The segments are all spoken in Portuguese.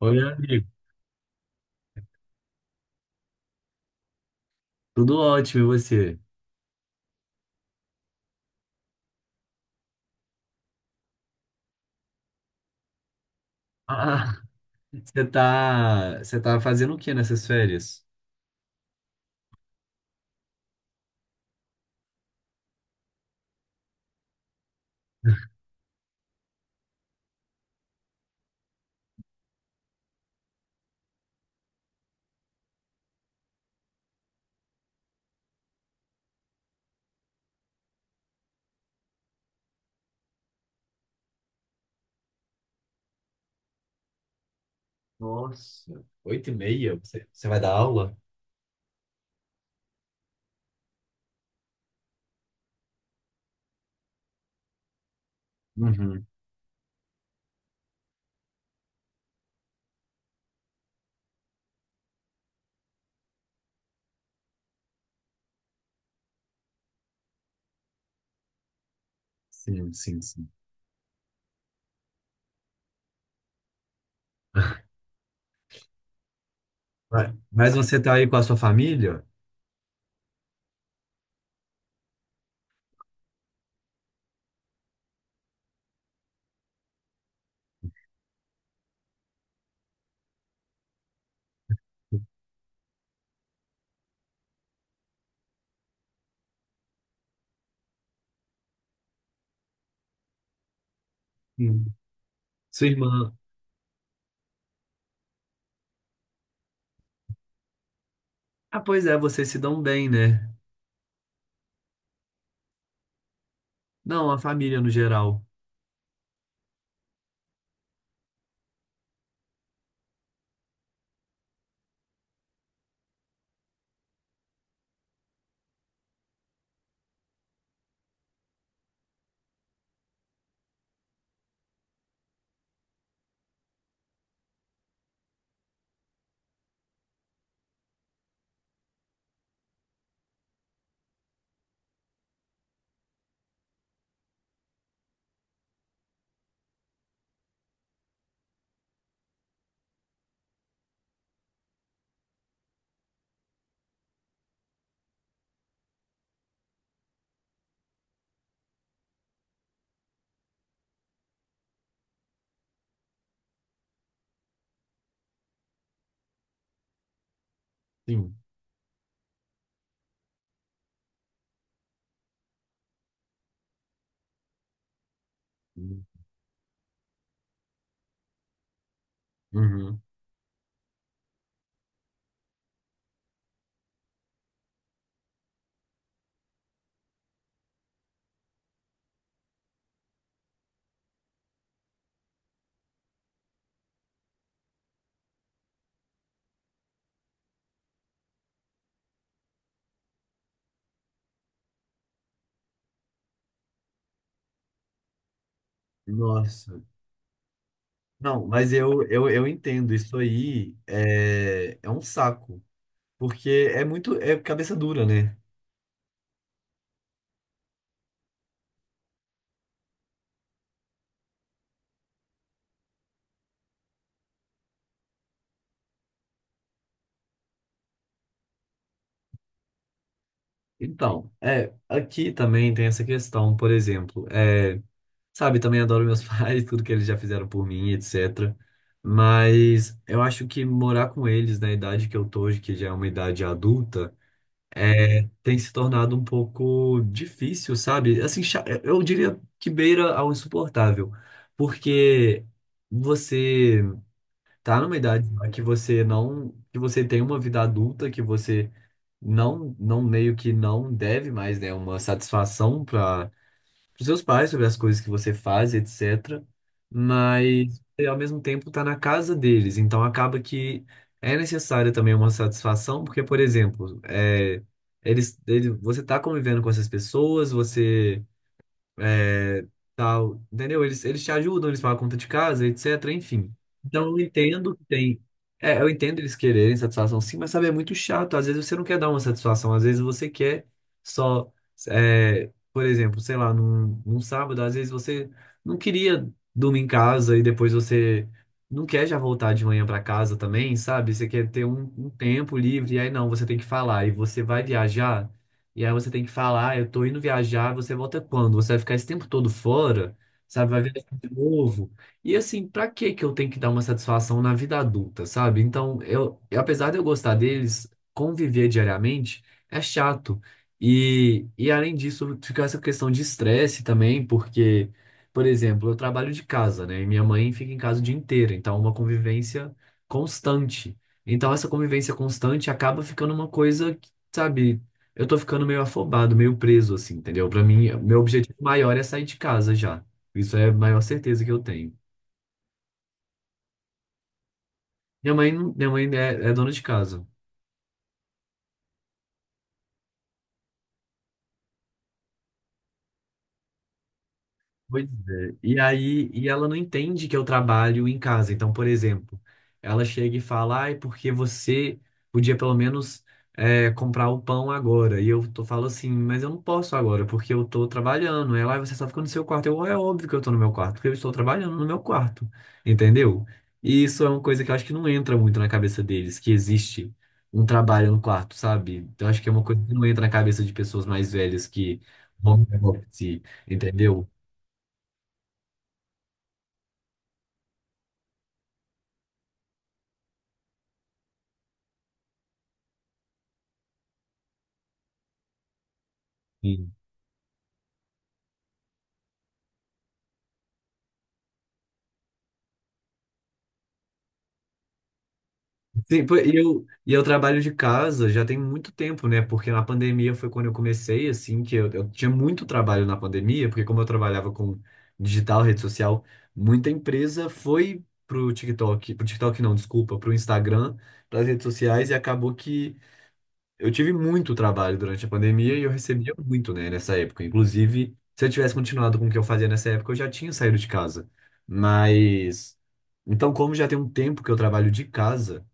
Oi, amigo. Tudo ótimo, e você? Ah, você tá fazendo o que nessas férias? Nossa, oito e meia? Você vai dar aula? Uhum. Sim, sim, sim. Vai. Mas você tá aí com a sua família? Sim. Sua irmã? Ah, pois é, vocês se dão bem, né? Não, a família no geral. Sim. Uhum. Nossa. Não, mas eu entendo, isso aí é, é um saco, porque é muito, é cabeça dura, né? Então, é, aqui também tem essa questão, por exemplo, é, sabe, também adoro meus pais, tudo que eles já fizeram por mim, etc. Mas eu acho que morar com eles na idade que eu tô hoje, que já é uma idade adulta, é, tem se tornado um pouco difícil, sabe? Assim, eu diria que beira ao insuportável, porque você tá numa idade lá que você não, que você tem uma vida adulta, que você não, não meio que não deve mais, né, uma satisfação para os seus pais sobre as coisas que você faz, etc. Mas você, ao mesmo tempo está na casa deles, então acaba que é necessária também uma satisfação, porque, por exemplo, é, eles, ele, você está convivendo com essas pessoas, você é, tal, entendeu? Eles te ajudam, eles pagam a conta de casa, etc. Enfim. Então eu entendo que tem. É, eu entendo eles quererem satisfação sim, mas sabe, é muito chato. Às vezes você não quer dar uma satisfação, às vezes você quer só. É, por exemplo, sei lá, num sábado, às vezes você não queria dormir em casa e depois você não quer já voltar de manhã para casa também, sabe? Você quer ter um tempo livre, e aí não, você tem que falar, e você vai viajar. E aí você tem que falar: "Ah, eu tô indo viajar, você volta quando? Você vai ficar esse tempo todo fora, sabe? Vai viajar de novo. E assim, pra que que eu tenho que dar uma satisfação na vida adulta, sabe? Então, apesar de eu gostar deles, conviver diariamente é chato. E além disso, fica essa questão de estresse também, porque, por exemplo, eu trabalho de casa, né? E minha mãe fica em casa o dia inteiro, então é uma convivência constante. Então, essa convivência constante acaba ficando uma coisa, que, sabe? Eu tô ficando meio afobado, meio preso, assim, entendeu? Pra mim, meu objetivo maior é sair de casa já. Isso é a maior certeza que eu tenho. Minha mãe, não- minha mãe é, é dona de casa. Pois é. E aí, e ela não entende que eu trabalho em casa. Então, por exemplo, ela chega e fala: ai, porque você podia pelo menos é, comprar o pão agora. E eu tô, falo assim, mas eu não posso agora, porque eu tô trabalhando. Ela: ai, você só fica no seu quarto. Eu, é óbvio que eu tô no meu quarto, porque eu estou trabalhando no meu quarto. Entendeu? E isso é uma coisa que eu acho que não entra muito na cabeça deles, que existe um trabalho no quarto, sabe? Então, acho que é uma coisa que não entra na cabeça de pessoas mais velhas que vão home office, entendeu? Sim, pô, e eu trabalho de casa já tem muito tempo, né? Porque na pandemia foi quando eu comecei, assim, que eu tinha muito trabalho na pandemia, porque como eu trabalhava com digital, rede social, muita empresa foi pro TikTok não, desculpa, pro Instagram, pras redes sociais, e acabou que eu tive muito trabalho durante a pandemia e eu recebia muito, né, nessa época. Inclusive, se eu tivesse continuado com o que eu fazia nessa época, eu já tinha saído de casa. Mas, então, como já tem um tempo que eu trabalho de casa,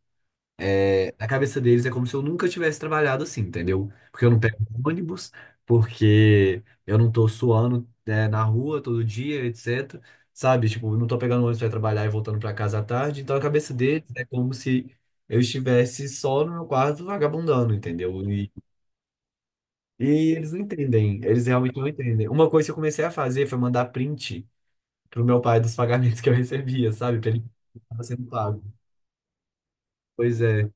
é, na cabeça deles é como se eu nunca tivesse trabalhado assim, entendeu? Porque eu não pego ônibus, porque eu não tô suando, né, na rua todo dia, etc. Sabe? Tipo, eu não tô pegando ônibus pra trabalhar e voltando pra casa à tarde. Então, a cabeça deles é como se eu estivesse só no meu quarto vagabundando, entendeu? E eles não entendem. Eles realmente não entendem. Uma coisa que eu comecei a fazer foi mandar print pro meu pai dos pagamentos que eu recebia, sabe? Pra ele que tava sendo pago. Pois é.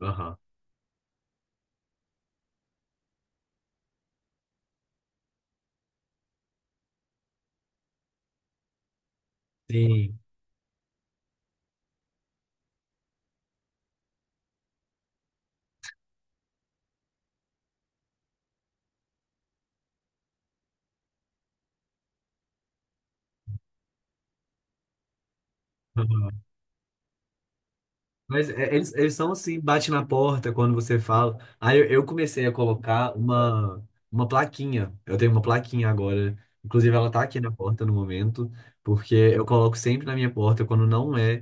Aham. Sim. Mas é- eles são assim, bate na porta quando você fala. Aí eu comecei a colocar uma plaquinha. Eu tenho uma plaquinha agora. Inclusive, ela tá aqui na porta no momento, porque eu coloco sempre na minha porta quando não é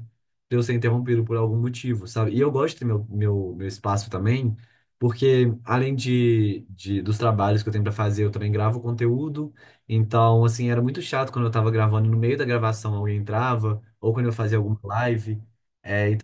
pra eu ser interrompido por algum motivo, sabe? E eu gosto do meu espaço também, porque além de dos trabalhos que eu tenho pra fazer, eu também gravo conteúdo. Então, assim, era muito chato quando eu tava gravando, no meio da gravação alguém entrava, ou quando eu fazia alguma live. É,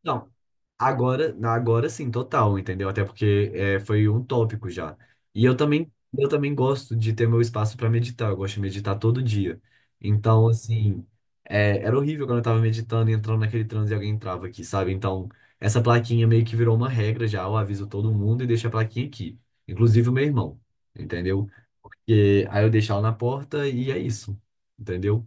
então, agora, agora sim, total, entendeu? Até porque é, foi um tópico já. E eu também gosto de ter meu espaço para meditar. Eu gosto de meditar todo dia. Então, assim, é, era horrível quando eu tava meditando e entrando naquele transe e alguém entrava aqui, sabe? Então, essa plaquinha meio que virou uma regra já. Eu aviso todo mundo e deixo a plaquinha aqui. Inclusive o meu irmão, entendeu? E aí eu deixo ela na porta e é isso, entendeu?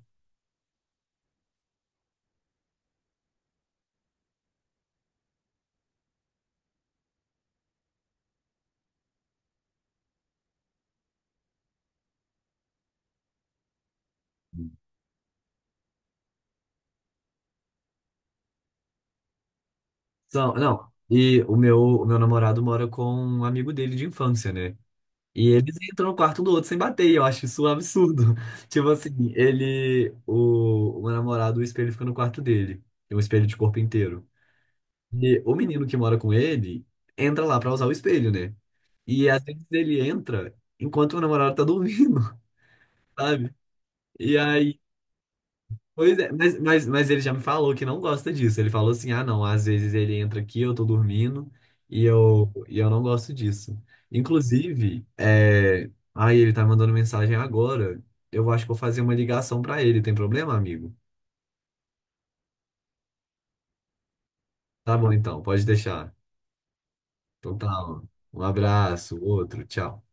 São, não, e o meu namorado mora com um amigo dele de infância, né? E eles entram no quarto do outro sem bater, e eu acho isso um absurdo. Tipo assim, ele. O meu namorado, o espelho fica no quarto dele. Tem um espelho de corpo inteiro. E o menino que mora com ele entra lá pra usar o espelho, né? E às vezes ele entra enquanto o namorado tá dormindo, sabe? E aí pois é, mas ele já me falou que não gosta disso. Ele falou assim: ah, não, às vezes ele entra aqui, eu tô dormindo e eu não gosto disso. Inclusive, é... aí ele tá mandando mensagem agora. Eu acho que vou fazer uma ligação pra ele. Tem problema, amigo? Tá bom, então, pode deixar. Então tá, ó. Um abraço, outro, tchau.